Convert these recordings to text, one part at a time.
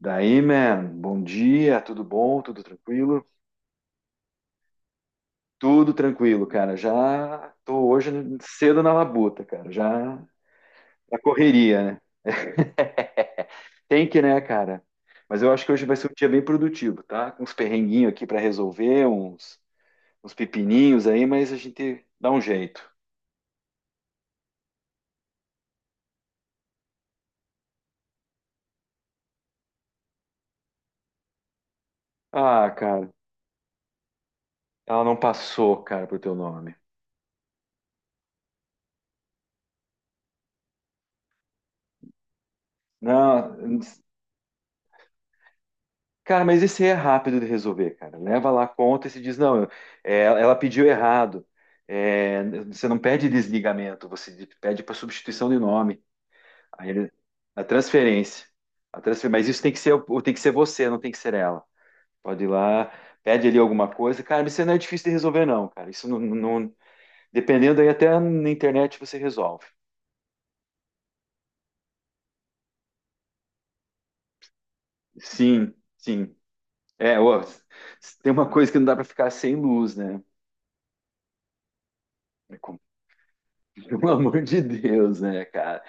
Daí, man, bom dia, tudo bom? Tudo tranquilo? Tudo tranquilo, cara. Já tô hoje cedo na labuta, cara. Já na correria, né? Tem que, né, cara? Mas eu acho que hoje vai ser um dia bem produtivo, tá? Com uns perrenguinhos aqui pra resolver, uns pepininhos aí, mas a gente dá um jeito. Ah, cara, ela não passou, cara, pro teu nome. Não, cara, mas esse é rápido de resolver, cara. Leva lá a conta e se diz, não, é, ela pediu errado. É, você não pede desligamento, você pede para substituição de nome. Aí ele- a transferência. A transfer, mas isso tem que ser você, não tem que ser ela. Pode ir lá, pede ali alguma coisa. Cara, isso não é difícil de resolver, não, cara. Isso Dependendo aí, até na internet você resolve. Sim, sim. É, ô, tem uma coisa que não dá para ficar sem luz, né? Pelo amor de Deus, né, cara?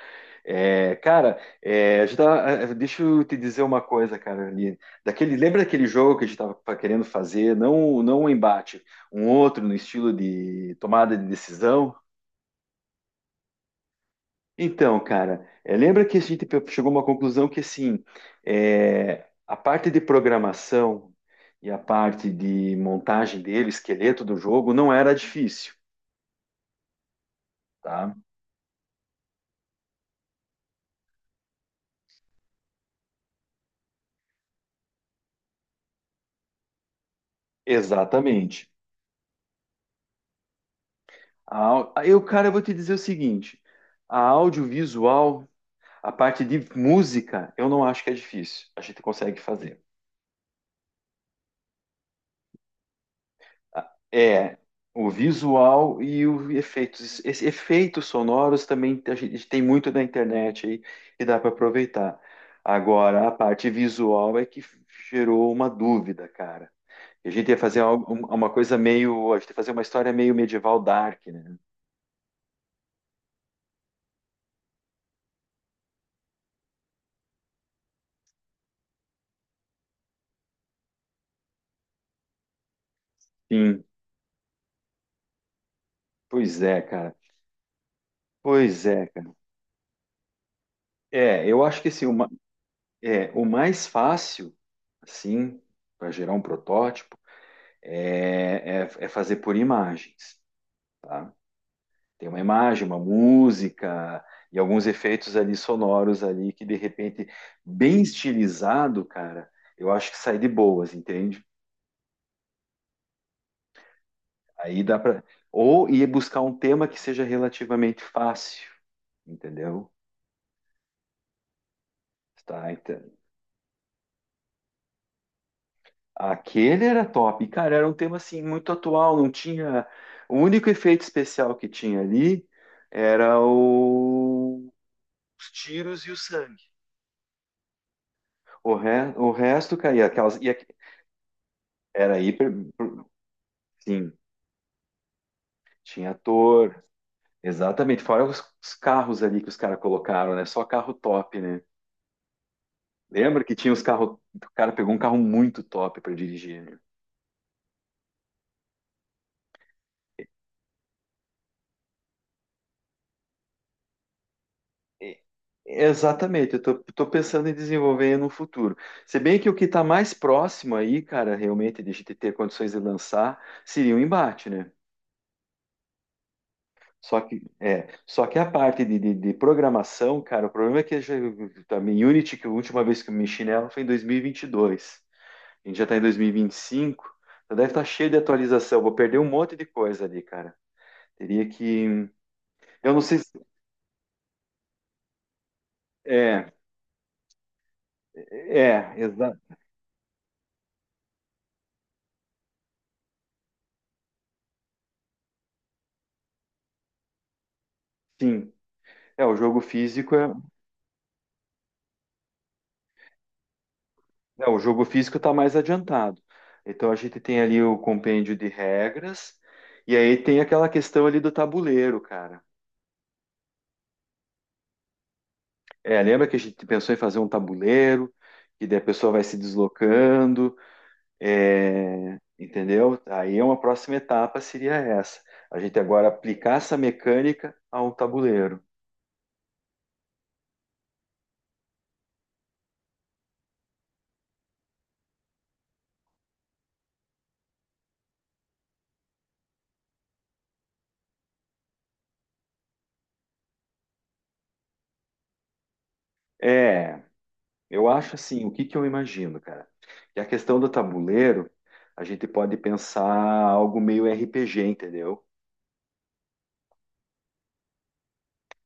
É, cara, é, a gente tava- eh, deixa eu te dizer uma coisa, cara, ali. Daquele, lembra daquele jogo que a gente estava querendo fazer? Não, não um embate, um outro no estilo de tomada de decisão? Então, cara, lembra que chegou a uma conclusão que, assim, a parte de programação e a parte de montagem dele, esqueleto do jogo, não era difícil, tá? Exatamente. Eu, cara, eu vou te dizer o seguinte: a audiovisual, a parte de música, eu não acho que é difícil. A gente consegue fazer. É o visual e os efeitos. Esses efeitos sonoros também a gente tem muito na internet aí e dá para aproveitar. Agora, a parte visual é que gerou uma dúvida, cara. A gente ia fazer uma coisa meio. A gente ia fazer uma história meio medieval dark, né? Sim, pois é, cara. Pois é, cara. É, eu acho que assim, é, o mais fácil, assim, para gerar um protótipo é, é fazer por imagens, tá? Tem uma imagem, uma música e alguns efeitos ali sonoros ali que de repente bem estilizado, cara, eu acho que sai de boas, entende? Aí dá para ou ir buscar um tema que seja relativamente fácil, entendeu? Tá, aquele era top. E, cara, era um tema assim muito atual, não tinha. O único efeito especial que tinha ali era os tiros e o sangue. O resto, cara, aquelas. Era hiper. Sim, tinha ator. Exatamente. Fora os carros ali que os caras colocaram, né? Só carro top, né? Lembra que tinha os carros. O cara pegou um carro muito top para dirigir, né? Exatamente, eu tô pensando em desenvolver no futuro. Se bem que o que está mais próximo aí, cara, realmente de a gente ter condições de lançar, seria um embate, né? Só que a parte de, de programação, cara, o problema é que já, também Unity, que a última vez que eu mexi nela foi em dois mil e vinte e dois. A gente já está em dois mil e vinte e cinco, então deve estar cheio de atualização. Vou perder um monte de coisa ali, cara. Teria que. Eu não sei se. É, Exato. Sim. É, o jogo físico é. Não, o jogo físico está mais adiantado. Então a gente tem ali o compêndio de regras, e aí tem aquela questão ali do tabuleiro, cara. É, lembra que a gente pensou em fazer um tabuleiro, que daí a pessoa vai se deslocando, é, entendeu? Aí uma próxima etapa seria essa. A gente agora aplicar essa mecânica a um tabuleiro. É, eu acho assim, o que que eu imagino, cara? Que a questão do tabuleiro, a gente pode pensar algo meio RPG, entendeu?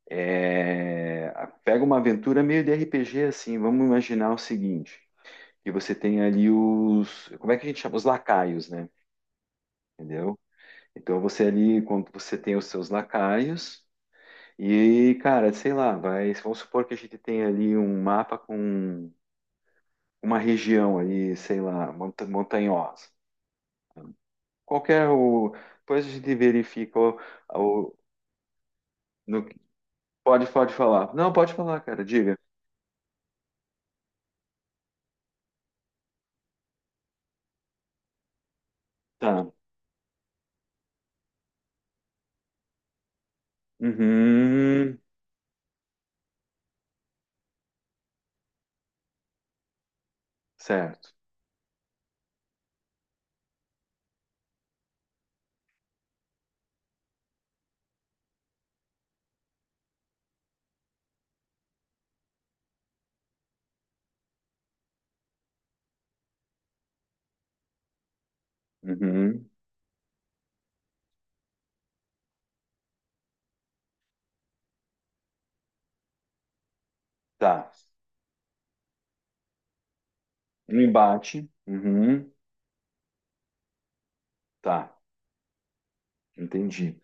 É, pega uma aventura meio de RPG assim. Vamos imaginar o seguinte: que você tem ali os, como é que a gente chama? Os lacaios, né? Entendeu? Então você ali, quando você tem os seus lacaios e, cara, sei lá, vai, vamos supor que a gente tem ali um mapa com uma região ali, sei lá, montanhosa. Qualquer o? Depois a gente verifica o, o- no- pode falar. Não, pode falar, cara. Diga. Tá. Uhum. Certo. Uhum. Tá. Um embate. Uhum. Tá. Entendi.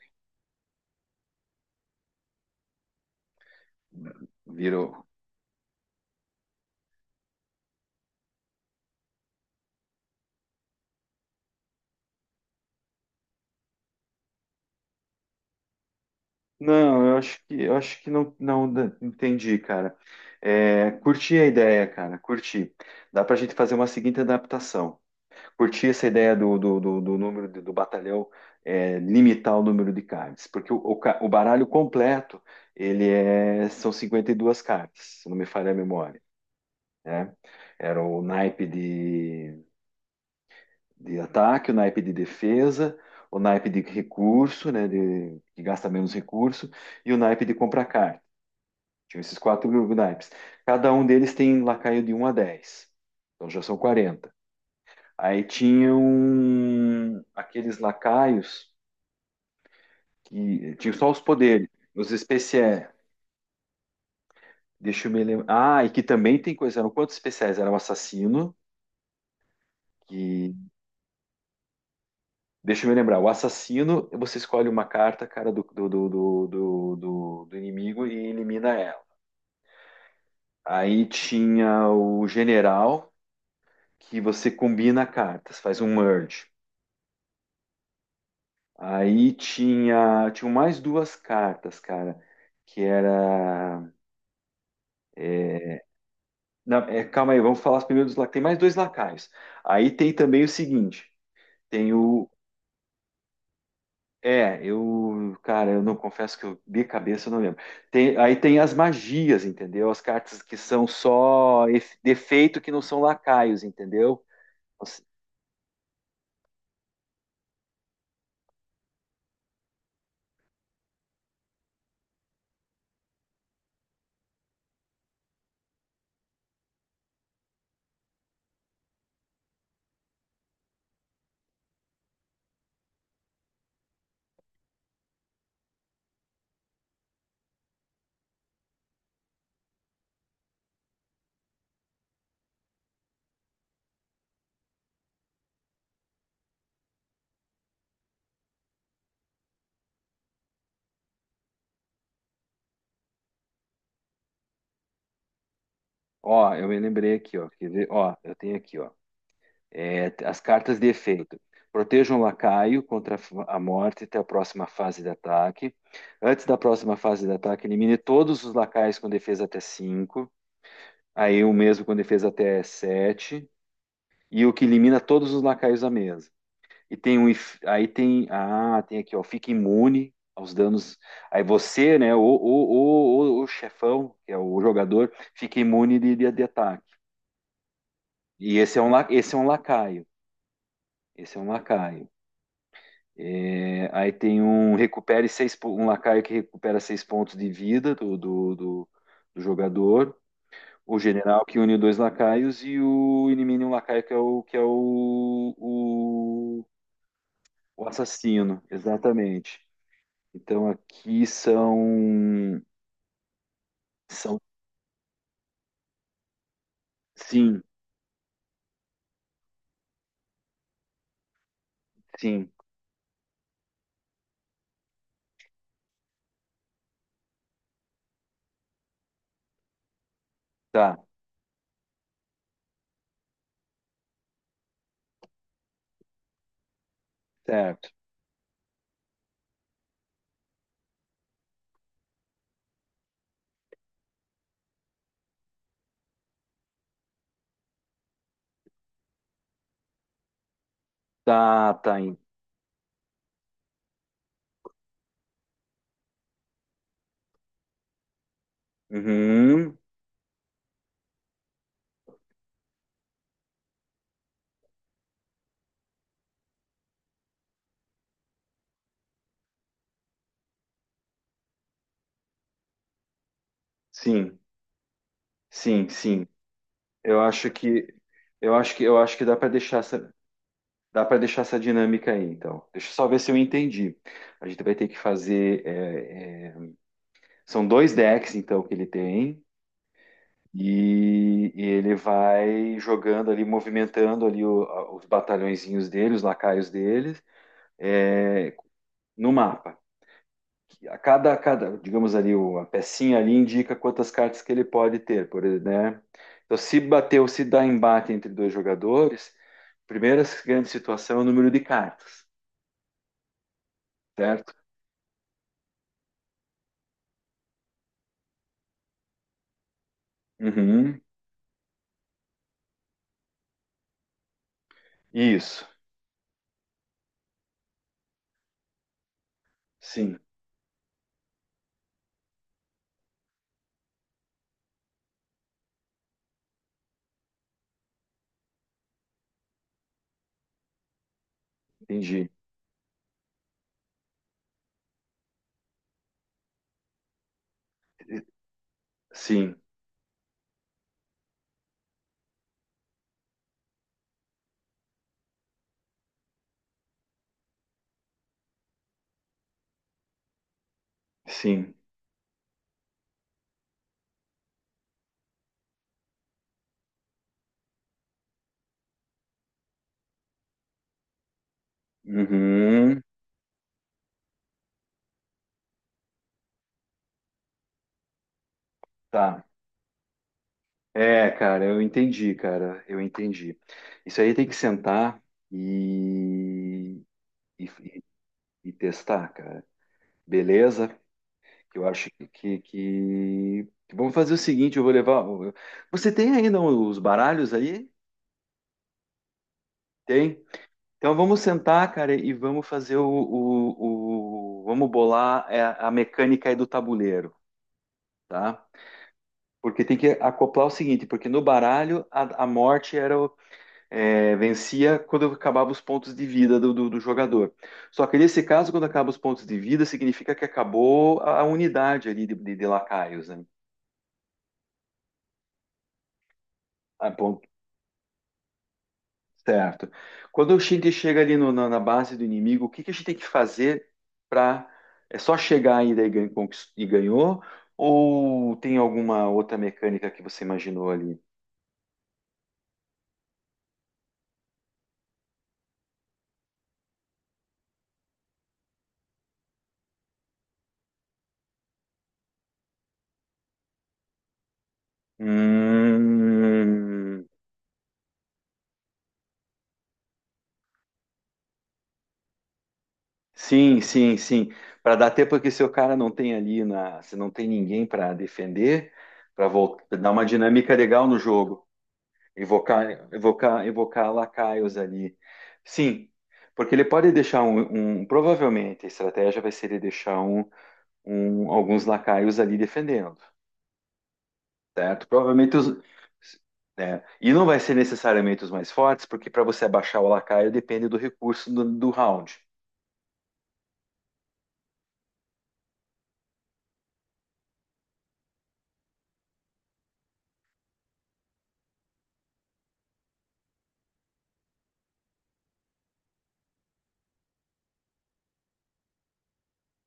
Virou. Não, eu acho que não, entendi, cara. É, curti a ideia, cara. Curti. Dá pra gente fazer uma seguinte adaptação. Curti essa ideia do número do batalhão, é, limitar o número de cards, porque o, o baralho completo ele são 52 cartas, se não me falha a memória, né? Era o naipe de ataque, o naipe de defesa, o naipe de recurso, né, de, que gasta menos recurso, e o naipe de compra carta. Tinham esses quatro naipes. Cada um deles tem lacaio de 1 a 10. Então já são 40. Aí tinham aqueles lacaios que tinham só os poderes, os especiais. Deixa eu me lembrar. Ah, e que também tem coisa. Eram quantos especiais? Era o assassino, que. Deixa eu me lembrar. O assassino, você escolhe uma carta, cara, do inimigo e elimina ela. Aí tinha o general, que você combina cartas, faz um merge. Aí tinha mais duas cartas, cara, que era... é, calma aí, vamos falar primeiro dos. Tem mais dois lacaios. Aí tem também o seguinte, tem o, é, eu, cara, eu não confesso que eu de cabeça eu não lembro. Aí tem as magias, entendeu? As cartas que são só defeito que não são lacaios, entendeu? Assim, ó, eu me lembrei aqui, ó, quer ver? Ó, eu tenho aqui, ó. É, as cartas de efeito. Protejam o lacaio contra a morte até a próxima fase de ataque. Antes da próxima fase de ataque, elimine todos os lacaios com defesa até 5. Aí o mesmo com defesa até 7. E o que elimina todos os lacaios da mesa. E tem tem aqui, ó, fica imune aos danos. Aí você, né, o chefão, que é o jogador, fica imune de, de ataque. E esse é um lacaio. Esse é um lacaio. É, aí tem um recupere um lacaio que recupera 6 pontos de vida do jogador. O general que une dois lacaios e o elimine um lacaio que é o assassino. Exatamente. Então aqui são, são, sim, sim, tá, certo, tá, tá, uhum, sim, sim, sim. Eu acho que, eu acho que, eu acho que dá para deixar essa dinâmica aí. Então, deixa eu só ver se eu entendi. A gente vai ter que fazer, são dois decks então que ele tem, e ele vai jogando ali, movimentando ali os batalhõezinhos dele, os lacaios deles, é, no mapa. Digamos ali, uma pecinha ali indica quantas cartas que ele pode ter, por, né? Então, se bateu se dá embate entre dois jogadores, primeira grande situação é o número de cartas, certo? Uhum. Isso. Sim, entendi. Sim, sim. Uhum. Tá. É, cara, eu entendi, cara, eu entendi. Isso aí tem que sentar e, e, e testar, cara. Beleza? Que eu acho que. Vamos fazer o seguinte, eu vou levar. Você tem ainda os baralhos aí? Tem. Então vamos sentar, cara, e vamos fazer o, vamos bolar, a mecânica aí do tabuleiro, tá? Porque tem que acoplar o seguinte, porque no baralho a morte é, vencia quando acabava os pontos de vida do, do jogador. Só que nesse caso, quando acaba os pontos de vida, significa que acabou a unidade ali de, de lacaios, né? A pon- Certo. Quando a gente chega ali na base do inimigo, o que, que a gente tem que fazer para. É só chegar aí daí e ganhou? Ou tem alguma outra mecânica que você imaginou ali? Hum, sim, sim, sim. Para dar tempo porque se o cara não tem ali se não tem ninguém para defender, para dar uma dinâmica legal no jogo. Evocar, evocar, evocar lacaios ali. Sim, porque ele pode deixar provavelmente a estratégia vai ser ele deixar alguns lacaios ali defendendo, certo? Provavelmente os, né? E não vai ser necessariamente os mais fortes, porque para você abaixar o lacaio depende do recurso do round,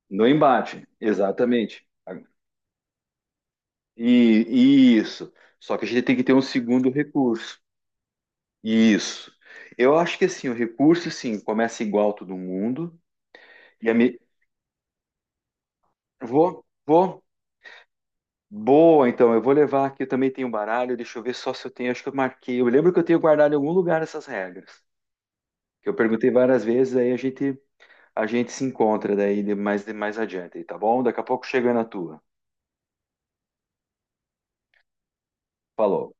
do embate, exatamente. E, e isso. Só que a gente tem que ter um segundo recurso. Isso. Eu acho que assim, o recurso sim começa igual todo mundo. E a mi- vou. Boa, então. Eu vou levar aqui. Eu também tenho um baralho. Deixa eu ver só se eu tenho. Acho que eu marquei. Eu lembro que eu tenho guardado em algum lugar essas regras. Que eu perguntei várias vezes, aí a gente se encontra daí de mais adiante, tá bom? Daqui a pouco chega na tua. Falou.